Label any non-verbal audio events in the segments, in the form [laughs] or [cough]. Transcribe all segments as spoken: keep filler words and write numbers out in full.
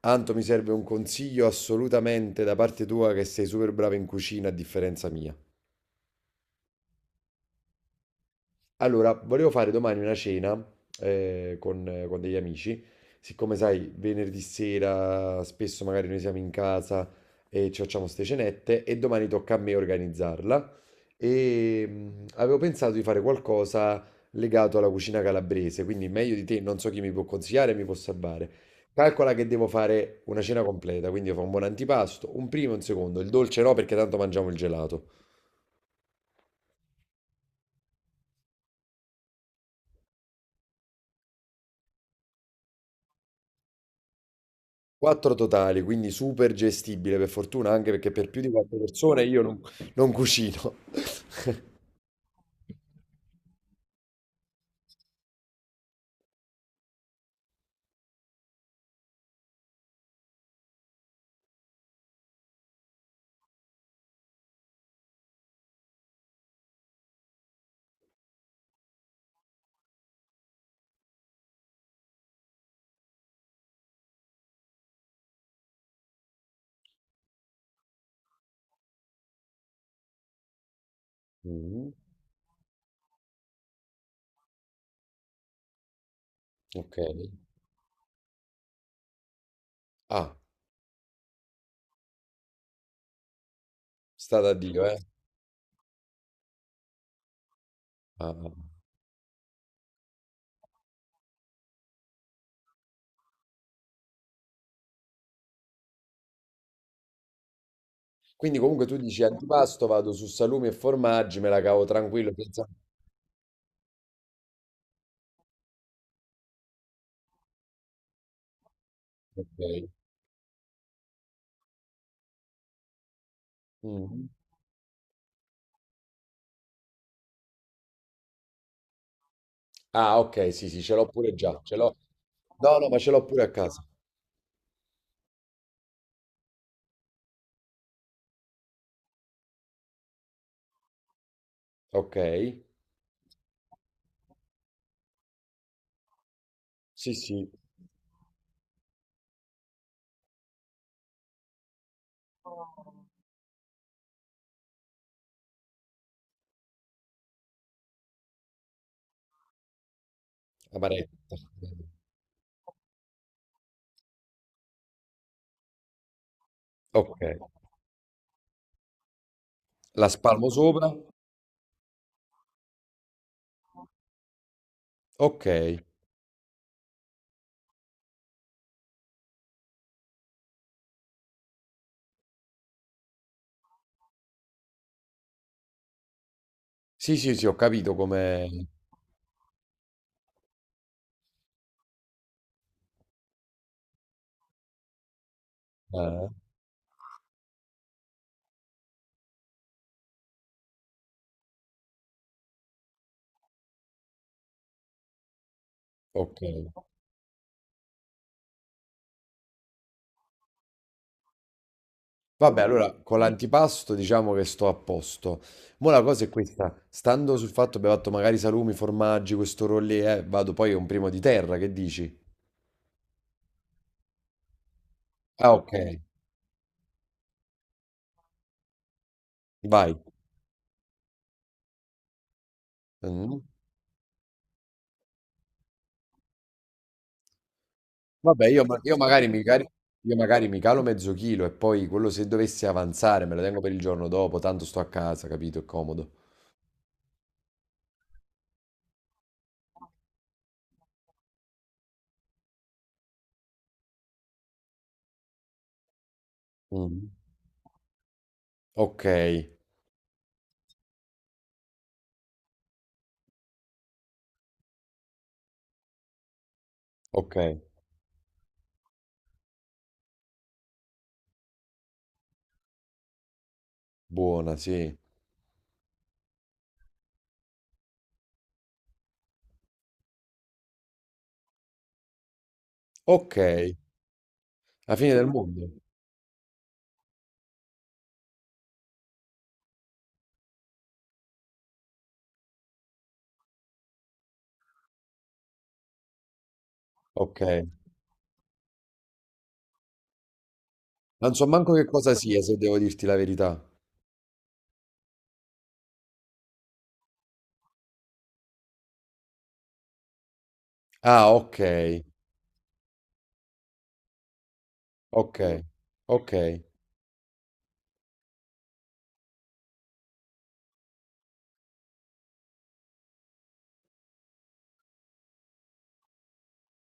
Anto, mi serve un consiglio assolutamente da parte tua che sei super brava in cucina a differenza mia. Allora, volevo fare domani una cena eh, con, eh, con degli amici. Siccome sai, venerdì sera spesso magari noi siamo in casa e ci facciamo ste cenette e domani tocca a me organizzarla. E mh, avevo pensato di fare qualcosa legato alla cucina calabrese, quindi meglio di te, non so chi mi può consigliare, mi può salvare. Calcola che devo fare una cena completa, quindi io fa un buon antipasto, un primo e un secondo, il dolce no perché tanto mangiamo il gelato. Quattro totali, quindi super gestibile per fortuna, anche perché per più di quattro persone io non, non cucino. [laughs] Mm, ok. Ah, sta da Dio, eh. Ah, ah. Quindi comunque tu dici antipasto, vado su salumi e formaggi, me la cavo tranquillo senza. Ok. Mm. Ah, ok, sì, sì, ce l'ho pure già, ce l'ho. No, no, ma ce l'ho pure a casa. Ok. Sì, sì, amaretta. Ok. La spalmo sopra? Ok. Sì, sì, sì, ho capito come. Eh. Ok. Vabbè, allora con l'antipasto diciamo che sto a posto. Mo' la cosa è questa, stando sul fatto che abbiamo fatto magari salumi, formaggi, questo rollè, eh, vado poi a un primo di terra, che dici? Ah, ok, vai. Mm. Vabbè, io, ma- io magari mi, cari- io magari mi calo mezzo chilo e poi quello se dovessi avanzare me lo tengo per il giorno dopo, tanto sto a casa, capito? È comodo. Mm. Ok, ok, buona, sì. Ok, la fine del mondo. Ok. Non so manco che cosa sia, se devo dirti la verità. Ah, ok, ok, ok,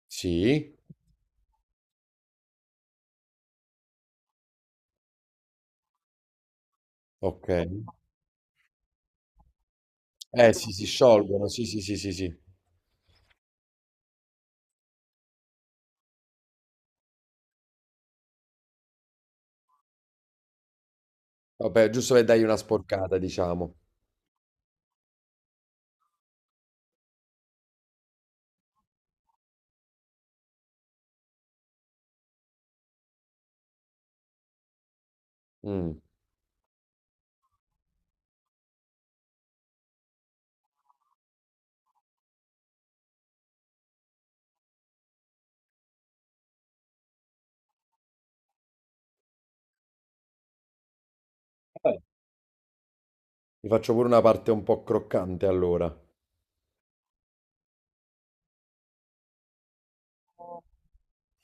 sì, ok. Eh sì, si sciolgono, sì, sì, sì, sì, sì. Vabbè, giusto per dargli una sporcata, diciamo. Mm. Vabbè, mi faccio pure una parte un po' croccante allora.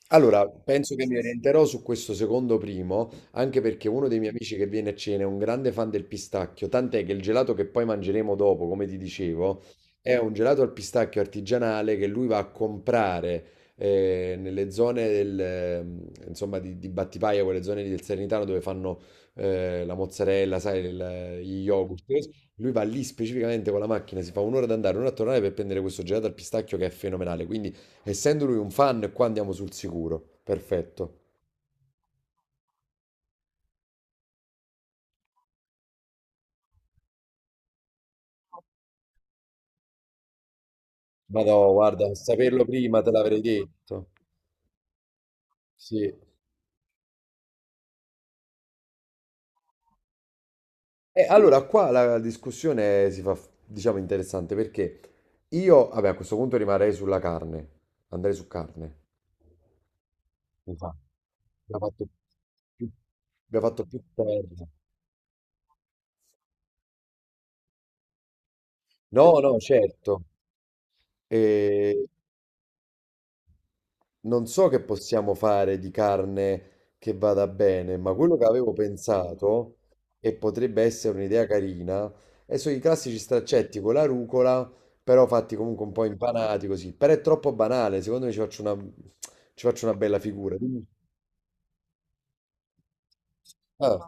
Allora, penso che mi orienterò su questo secondo primo, anche perché uno dei miei amici che viene a cena è un grande fan del pistacchio, tant'è che il gelato che poi mangeremo dopo, come ti dicevo, è un gelato al pistacchio artigianale che lui va a comprare eh, nelle zone del, ehm, insomma, di, di Battipaglia, quelle zone lì del Salernitano dove fanno eh, la mozzarella, sai, il- gli yogurt. Lui va lì specificamente con la macchina, si fa un'ora ad andare, un'ora a tornare per prendere questo gelato al pistacchio che è fenomenale. Quindi essendo lui un fan, qua andiamo sul sicuro. Perfetto. Madò, guarda, a saperlo prima te l'avrei detto. Sì. E allora qua la discussione si fa, diciamo, interessante perché io, vabbè, a questo punto rimarrei sulla carne. Andrei su carne. Mi fa. Abbiamo fatto più, abbiamo fatto più terra. No, no, certo. E non so che possiamo fare di carne che vada bene, ma quello che avevo pensato, e potrebbe essere un'idea carina, è sono i classici straccetti con la rucola, però fatti comunque un po' impanati così. Però è troppo banale, secondo me ci faccio una, ci faccio una bella figura. Dimmi- Ah,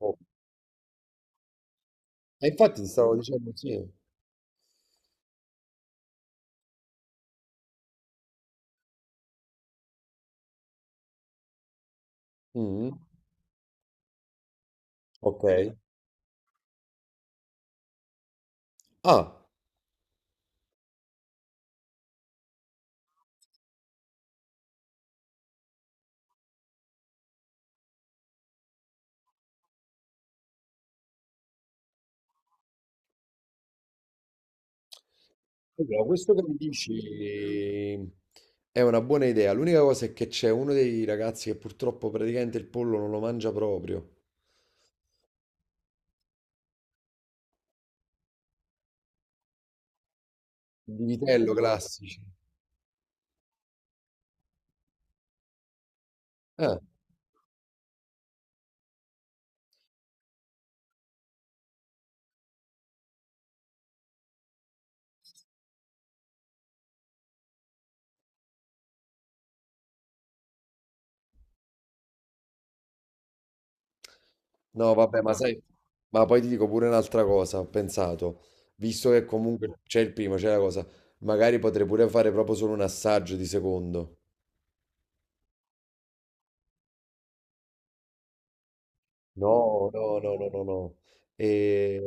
oh. E infatti ti stavo dicendo sì. Mm, ok. Ah. Allora, questo che mi dici è una buona idea. L'unica cosa è che c'è uno dei ragazzi che purtroppo praticamente il pollo non lo mangia proprio. Di vitello classici. Ah, no, vabbè, ma sai, ma poi ti dico pure un'altra cosa. Ho pensato, visto che comunque c'è il primo, c'è la cosa, magari potrei pure fare proprio solo un assaggio di secondo. No, no, no, no, no, no. E.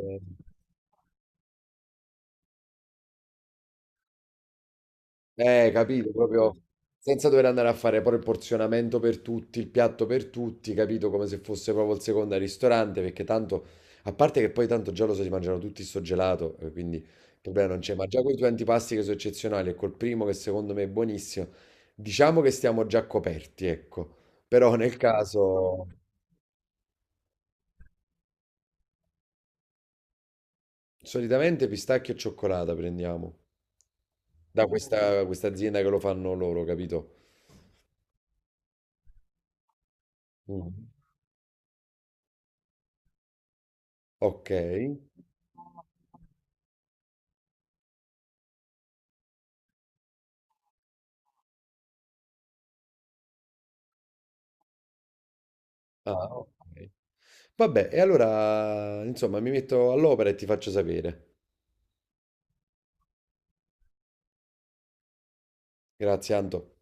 Eh, capito, proprio Mm. Senza dover andare a fare poi il porzionamento per tutti, il piatto per tutti, capito, come se fosse proprio il secondo al ristorante, perché tanto, a parte che poi tanto già lo so, si mangiano tutti sto gelato, eh, quindi il problema non c'è, ma già con i due antipasti che sono eccezionali e col primo che secondo me è buonissimo, diciamo che stiamo già coperti, ecco, però nel caso, solitamente pistacchio e cioccolata prendiamo, da questa, questa azienda che lo fanno loro, capito? Mm. Ok. Ah, ok. Vabbè, e allora, insomma, mi metto all'opera e ti faccio sapere. Grazie, Anto.